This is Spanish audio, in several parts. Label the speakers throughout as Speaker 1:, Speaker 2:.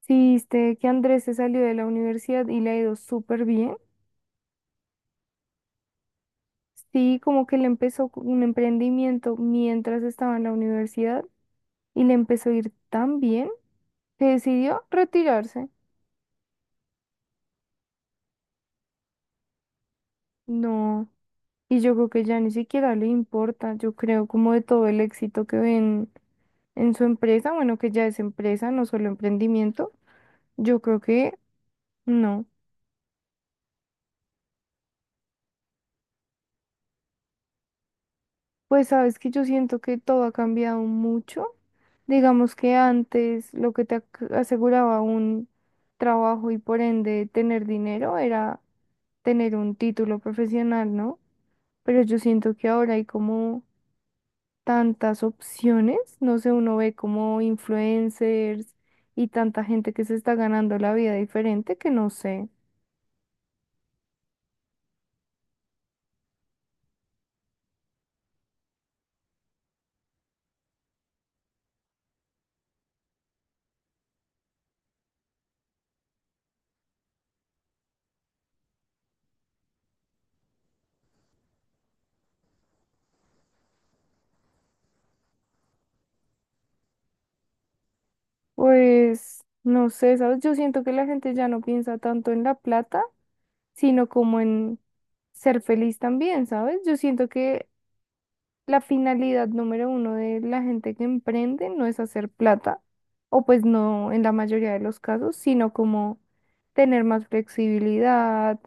Speaker 1: Sí, viste que Andrés se salió de la universidad y le ha ido súper bien. Sí, como que le empezó con un emprendimiento mientras estaba en la universidad y le empezó a ir tan bien que decidió retirarse. No, y yo creo que ya ni siquiera le importa, yo creo como de todo el éxito que ven en su empresa, bueno, que ya es empresa, no solo emprendimiento, yo creo que no. Pues sabes que yo siento que todo ha cambiado mucho. Digamos que antes lo que aseguraba un trabajo y por ende tener dinero era tener un título profesional, ¿no? Pero yo siento que ahora hay como tantas opciones, no sé, uno ve como influencers y tanta gente que se está ganando la vida diferente que no sé. Pues no sé, ¿sabes? Yo siento que la gente ya no piensa tanto en la plata, sino como en ser feliz también, ¿sabes? Yo siento que la finalidad número uno de la gente que emprende no es hacer plata, o pues no en la mayoría de los casos, sino como tener más flexibilidad,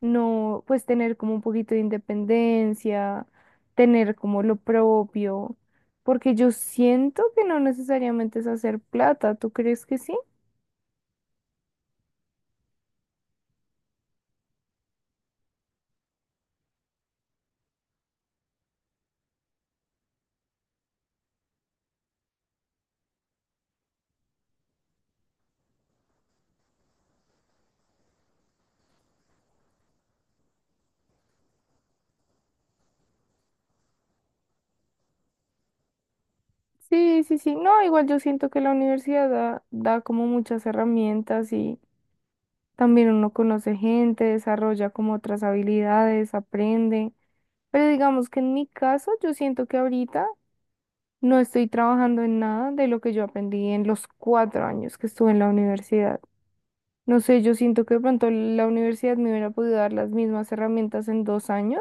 Speaker 1: no, pues tener como un poquito de independencia, tener como lo propio, porque yo siento que no necesariamente es hacer plata, ¿tú crees que sí? Sí, sí, sí, no, igual yo siento que la universidad da, da como muchas herramientas. Y también uno conoce gente, desarrolla como otras habilidades, aprende. Pero digamos que en mi caso, yo siento que ahorita no estoy trabajando en nada de lo que yo aprendí en los 4 años que estuve en la universidad. No sé, yo siento que de pronto la universidad me hubiera podido dar las mismas herramientas en 2 años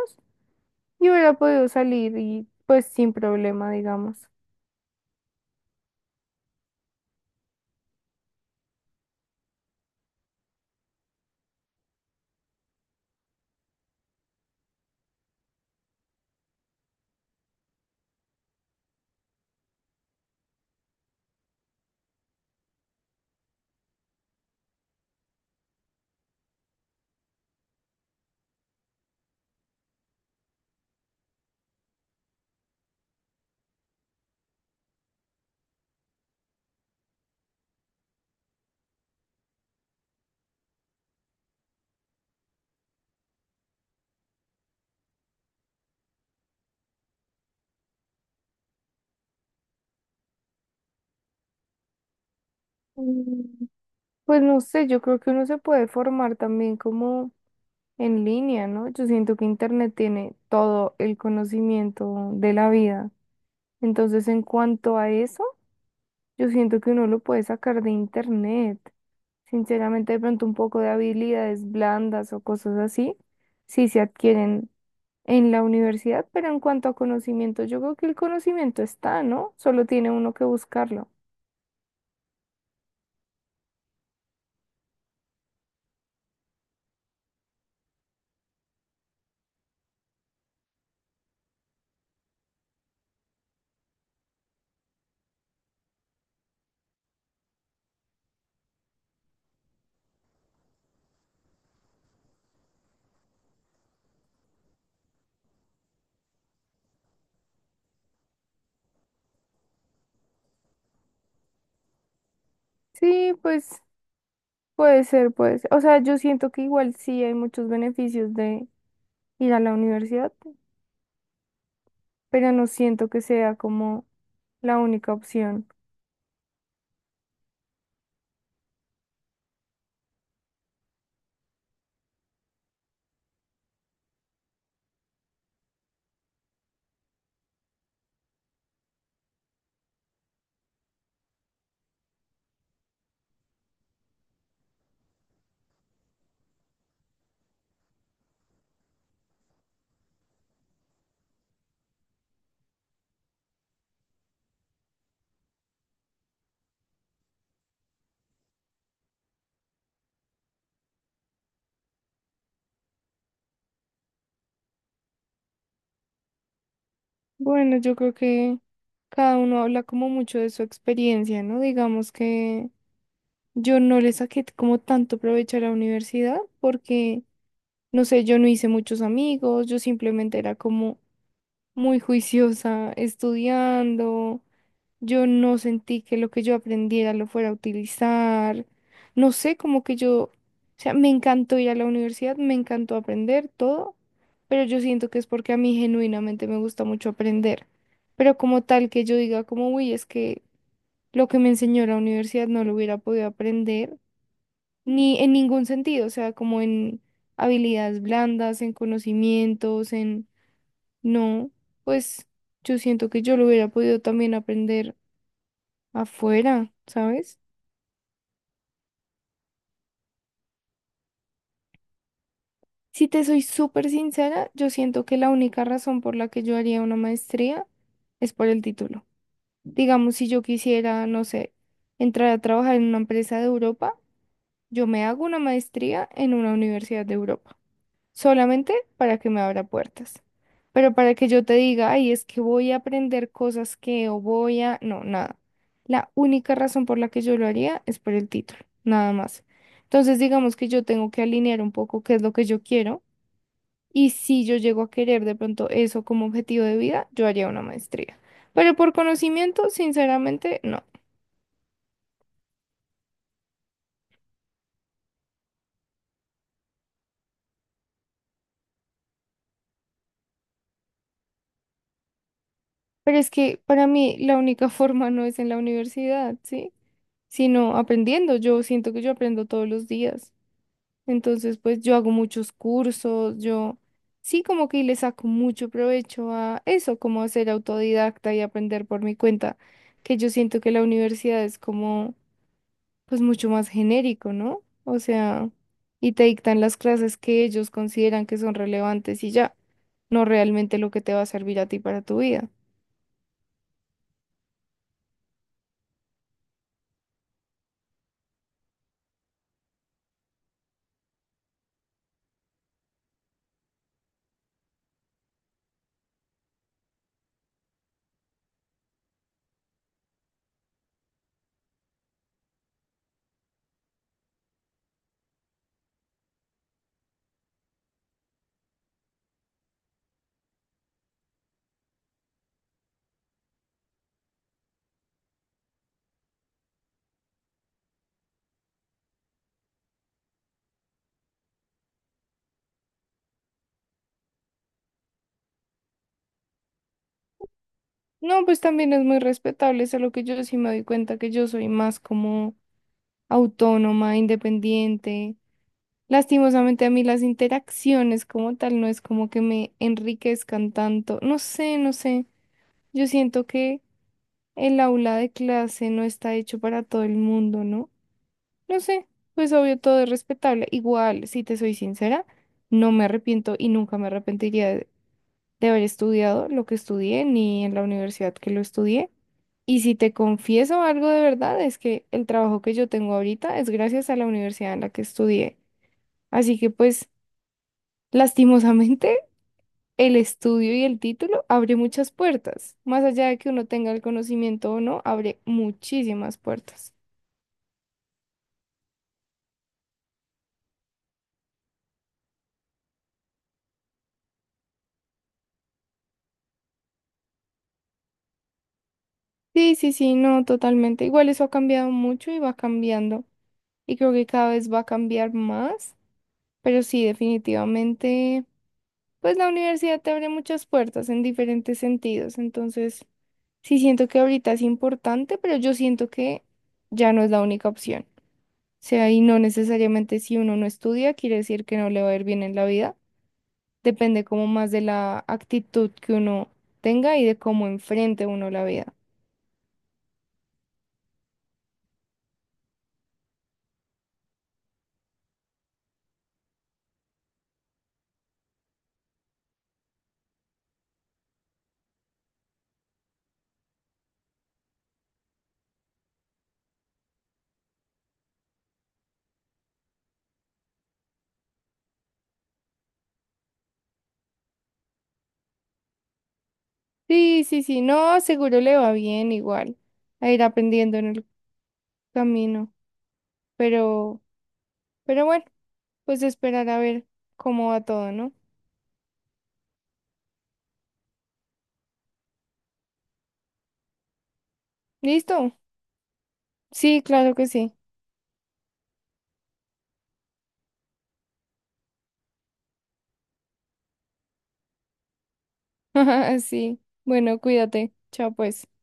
Speaker 1: y hubiera podido salir y pues sin problema, digamos. Mm, Pues no sé, yo creo que uno se puede formar también como en línea, ¿no? Yo siento que Internet tiene todo el conocimiento de la vida. Entonces, en cuanto a eso, yo siento que uno lo puede sacar de Internet. Sinceramente, de pronto un poco de habilidades blandas o cosas así, sí se adquieren en la universidad, pero en cuanto a conocimiento, yo creo que el conocimiento está, ¿no? Solo tiene uno que buscarlo. Sí, pues puede ser, pues. O sea, yo siento que igual sí hay muchos beneficios de ir a la universidad, pero no siento que sea como la única opción. Bueno, yo creo que cada uno habla como mucho de su experiencia, ¿no? Digamos que yo no le saqué como tanto provecho a la universidad porque, no sé, yo no hice muchos amigos, yo simplemente era como muy juiciosa estudiando. Yo no sentí que lo que yo aprendiera lo fuera a utilizar. No sé, como que yo, o sea, me encantó ir a la universidad, me encantó aprender todo, pero yo siento que es porque a mí genuinamente me gusta mucho aprender. Pero como tal que yo diga como, uy, es que lo que me enseñó la universidad no lo hubiera podido aprender, ni en ningún sentido, o sea, como en habilidades blandas, en conocimientos, en... No, pues yo siento que yo lo hubiera podido también aprender afuera, ¿sabes? Si te soy súper sincera, yo siento que la única razón por la que yo haría una maestría es por el título. Digamos, si yo quisiera, no sé, entrar a trabajar en una empresa de Europa, yo me hago una maestría en una universidad de Europa, solamente para que me abra puertas. Pero para que yo te diga, ay, es que voy a aprender cosas que o voy a... No, nada. La única razón por la que yo lo haría es por el título, nada más. Entonces, digamos que yo tengo que alinear un poco qué es lo que yo quiero, y si yo llego a querer de pronto eso como objetivo de vida, yo haría una maestría. Pero por conocimiento, sinceramente, no. Pero es que para mí la única forma no es en la universidad, ¿sí? Sino aprendiendo. Yo siento que yo aprendo todos los días. Entonces, pues yo hago muchos cursos, yo sí como que le saco mucho provecho a eso, como a ser autodidacta y aprender por mi cuenta, que yo siento que la universidad es como, pues mucho más genérico, ¿no? O sea, y te dictan las clases que ellos consideran que son relevantes y ya, no realmente lo que te va a servir a ti para tu vida. No, pues también es muy respetable, solo que yo sí me doy cuenta que yo soy más como autónoma, independiente. Lastimosamente a mí las interacciones como tal no es como que me enriquezcan tanto. No sé, no sé. Yo siento que el aula de clase no está hecho para todo el mundo, ¿no? No sé, pues obvio todo es respetable. Igual, si te soy sincera, no me arrepiento y nunca me arrepentiría de haber estudiado lo que estudié ni en la universidad que lo estudié. Y si te confieso algo de verdad, es que el trabajo que yo tengo ahorita es gracias a la universidad en la que estudié. Así que pues... Lastimosamente, el estudio y el título abre muchas puertas. Más allá de que uno tenga el conocimiento o no, abre muchísimas puertas. Sí, sí, sí, no, totalmente. Igual eso ha cambiado mucho y va cambiando. Y creo que cada vez va a cambiar más. Pero sí, definitivamente, pues la universidad te abre muchas puertas en diferentes sentidos. Entonces, sí siento que ahorita es importante, pero yo siento que ya no es la única opción. Sea, y no necesariamente si uno no estudia, quiere decir que no le va a ir bien en la vida. Depende como más de la actitud que uno tenga y de cómo enfrente uno la vida. Sí, sí, sí, no, seguro le va bien, igual a ir aprendiendo en el camino, pero, pero bueno, pues esperar a ver cómo va todo, ¿no? ¿Listo? Sí, claro que sí. Sí, bueno, cuídate. Chao, pues.